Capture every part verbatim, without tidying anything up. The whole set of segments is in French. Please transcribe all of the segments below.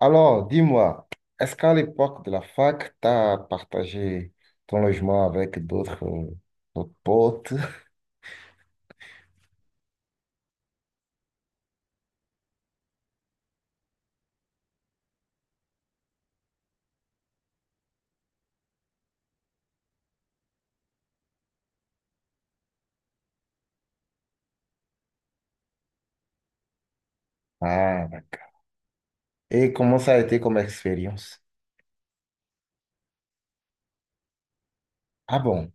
Alors, dis-moi, est-ce qu'à l'époque de la fac, tu as partagé ton logement avec d'autres euh, d'autres potes? Ah, d'accord. Et comment ça a été comme expérience? Ah bon,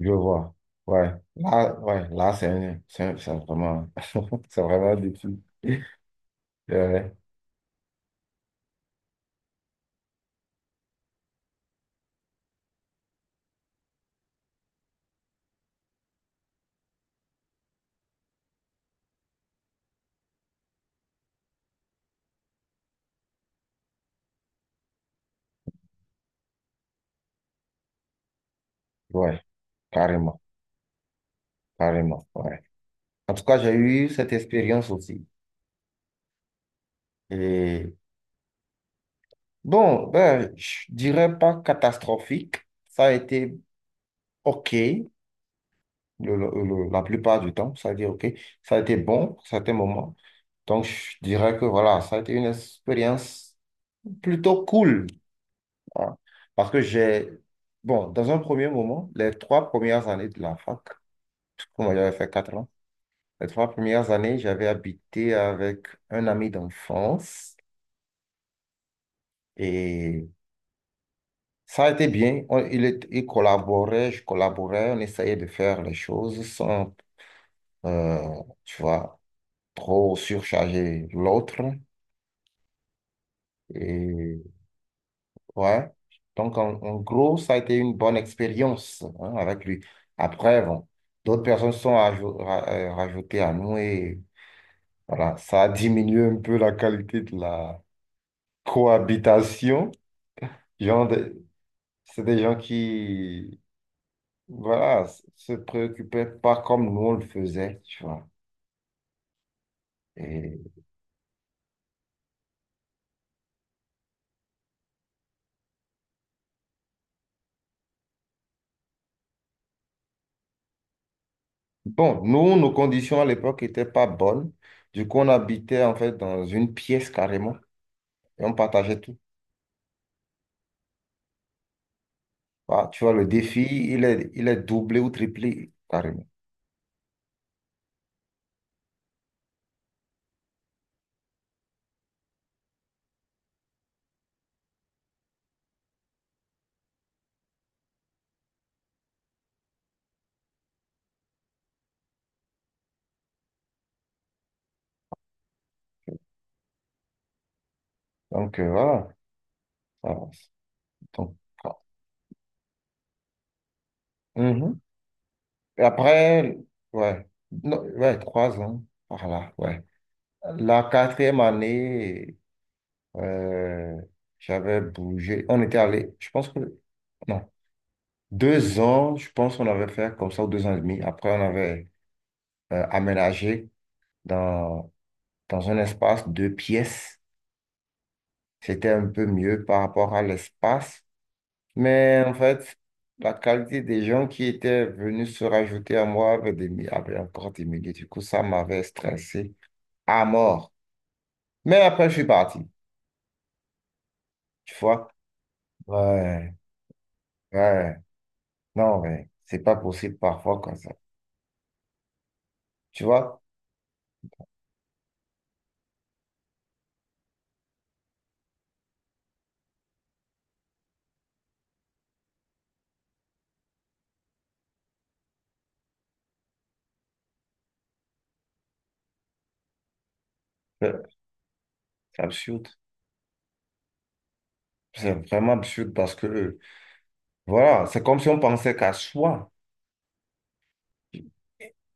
je vois. Ouais, là, ouais, là, c'est un- c'est un- c'est vraiment, c'est vraiment un défi. Euh, ouais, carrément, carrément, ouais. En tout cas, j'ai eu cette expérience aussi. Et bon, ben, je dirais pas catastrophique. Ça a été OK, le- le- le- la plupart du temps. Ça veut dire, OK, ça a été bon à certains moments. Donc, je dirais que voilà, ça a été une expérience plutôt cool, hein. Parce que j'ai, bon, dans un premier moment, les trois premières années de la fac, parce que moi, j'avais fait quatre ans, les trois premières années, j'avais habité avec un ami d'enfance et ça a été bien. On- il, est- il collaborait, je collaborais, on essayait de faire les choses sans, euh, tu vois, trop surcharger l'autre. Et ouais. Donc, en, en gros, ça a été une bonne expérience, hein, avec lui. Après, bon, d'autres personnes sont ajou- ra- euh, rajoutées à nous et voilà, ça a diminué un peu la qualité de la cohabitation. Genre de- c'est des gens qui, voilà, s- se préoccupaient pas comme nous on le faisait, tu vois. Et bon, nous, nos conditions à l'époque n'étaient pas bonnes. Du coup, on habitait en fait dans une pièce carrément. Et on partageait tout. Voilà, tu vois, le défi, il est, il est doublé ou triplé, carrément. Donc, euh, voilà. Voilà. Donc, voilà. Mhm. Et après, ouais, non, ouais, trois ans, voilà, ouais. La quatrième année, euh, j'avais bougé. On était allé, je pense que, non, deux ans, je pense qu'on avait fait comme ça, ou deux ans et demi. Après, on avait euh, aménagé dans, dans un espace de pièces. C'était un peu mieux par rapport à l'espace. Mais en fait, la qualité des gens qui étaient venus se rajouter à moi avait, des, mi- avait encore diminué. Du coup, ça m'avait stressé à mort. Mais après, je suis parti. Tu vois? Ouais, ouais. Non, mais c'est pas possible parfois comme ça. Tu vois? C'est c'est absurde. C'est vraiment absurde parce que, voilà, c'est comme si on pensait qu'à soi. Et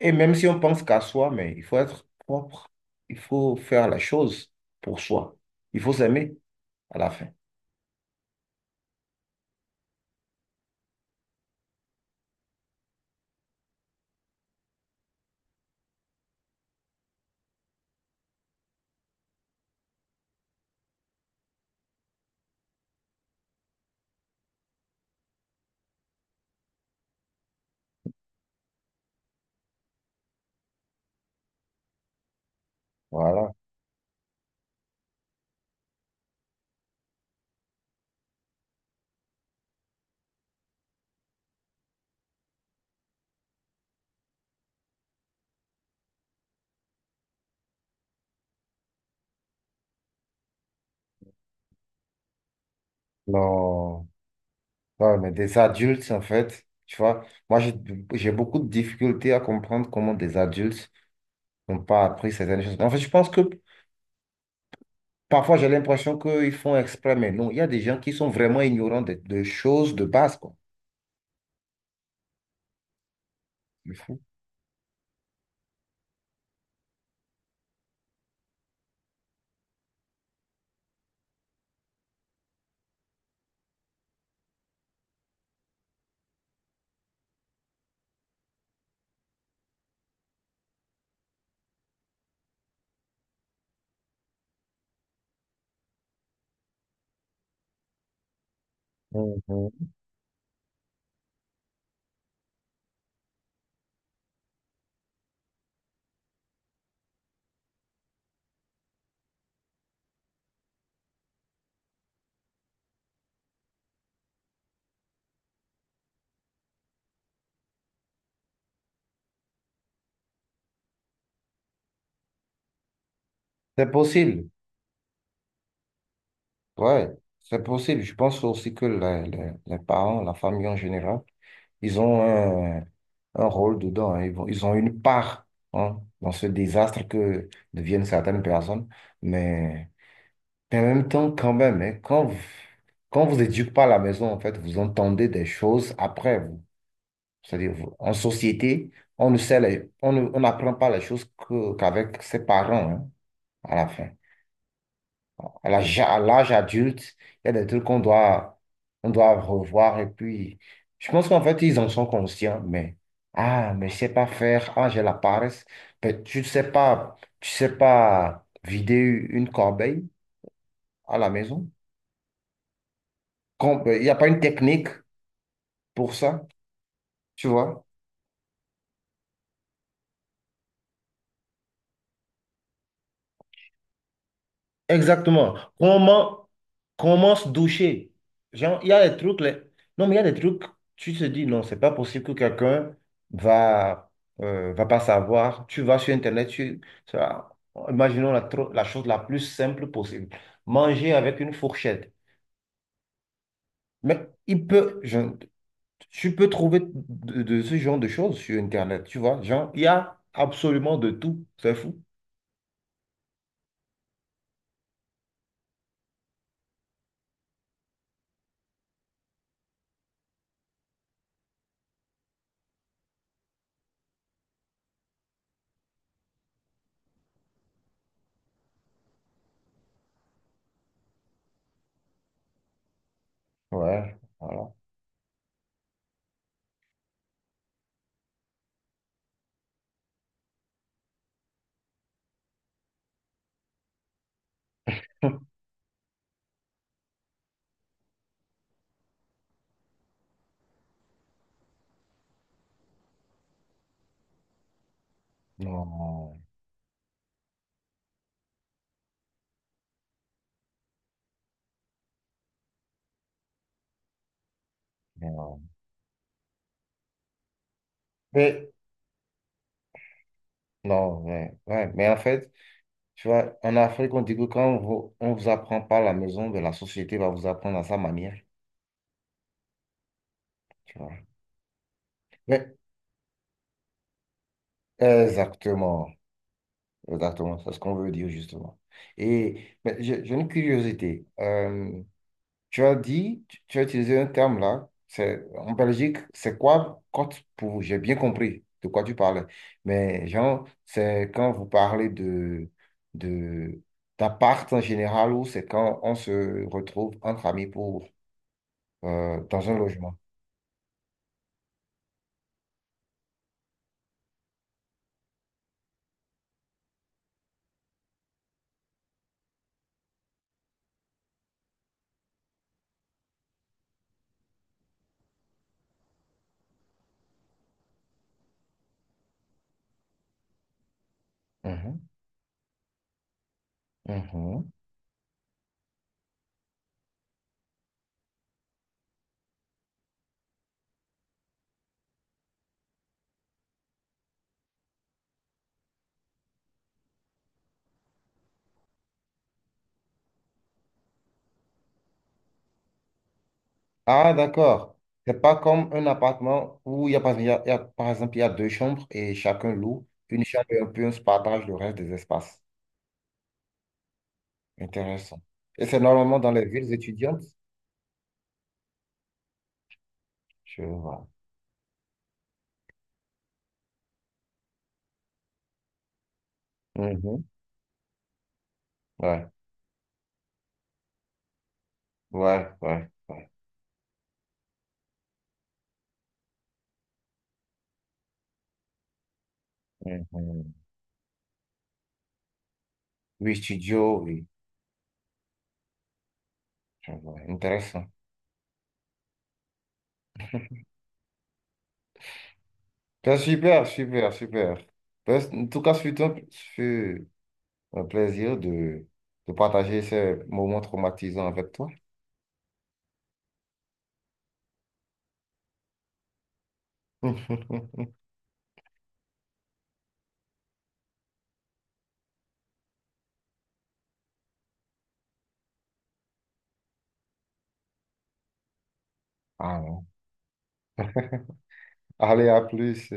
et même si on pense qu'à soi, mais il faut être propre. Il faut faire la chose pour soi. Il faut s'aimer à la fin. Voilà. Non. Non, mais des adultes, en fait, tu vois, moi, j'ai j'ai beaucoup de difficultés à comprendre comment des adultes n'ont pas appris certaines choses. En fait, je pense que parfois, j'ai l'impression qu'ils font exprès, mais non, il y a des gens qui sont vraiment ignorants de, de choses de base, quoi. C'est fou. Mhm. C'est possible. Ouais, c'est possible. Je pense aussi que les, les- les parents, la famille en général, ils ont un, un rôle dedans, hein. Ils vont- ils ont une part, hein, dans ce désastre que deviennent certaines personnes. Mais en même temps, quand même, hein, quand vous, quand vous éduquez pas à la maison, en fait, vous entendez des choses après vous. C'est-à-dire, vous- en société, on ne sait les- on ne- on n'apprend pas les choses que- qu'avec ses parents, hein, à la fin, à l'âge, à l'âge adulte, il y a des trucs qu'on doit, on doit revoir. Et puis, je pense qu'en fait, ils en sont conscients, mais, ah, mais je sais pas faire, ah, j'ai la paresse. Mais tu ne sais pas, tu sais pas vider une corbeille à la maison. Com- Il n'y a pas une technique pour ça, tu vois. Exactement. Comment, comment se doucher? Genre, il y a des trucs, les- non, mais il y a des trucs, tu te dis, non, c'est pas possible que quelqu'un va, euh, va pas savoir. Tu vas sur Internet, tu, ça- imaginons la, tro- la chose la plus simple possible. Manger avec une fourchette. Mais il peut, je, tu peux trouver de, de ce genre de choses sur Internet, tu vois. Genre, il y a absolument de tout. C'est fou. Ouais, voilà. Non, non. Non, ouais, ouais. Mais en fait, tu vois, en Afrique, on dit que quand on vous, on vous apprend pas à la maison, ben, la société va vous apprendre à sa manière, tu vois. Mais, exactement, exactement, c'est ce qu'on veut dire justement. Et ben, j'ai j'ai une curiosité. euh, Tu as dit, tu tu as utilisé un terme là, c'est en Belgique, c'est quoi quand pour j'ai bien compris de quoi tu parlais. Mais genre, c'est quand vous parlez de de d'appart en général ou c'est quand on se retrouve entre amis pour euh, dans un logement. Mhm, mhm. Ah, d'accord. C'est pas comme un appartement où il y a, par il y a- il y a- par exemple il y a deux chambres et chacun loue une chambre et un peu un partage le reste des espaces. Intéressant. Et c'est normalement dans les villes étudiantes? Je vois. Mhm. Ouais, ouais, ouais, ouais. Mhm. Oui, studio, oui. Je vois. Intéressant. Ben, super, super, super. Ben, c- en tout cas, c'est un, ce fut un plaisir de, de partager ces moments traumatisants avec toi. Ah, ouais. Allez, à plus.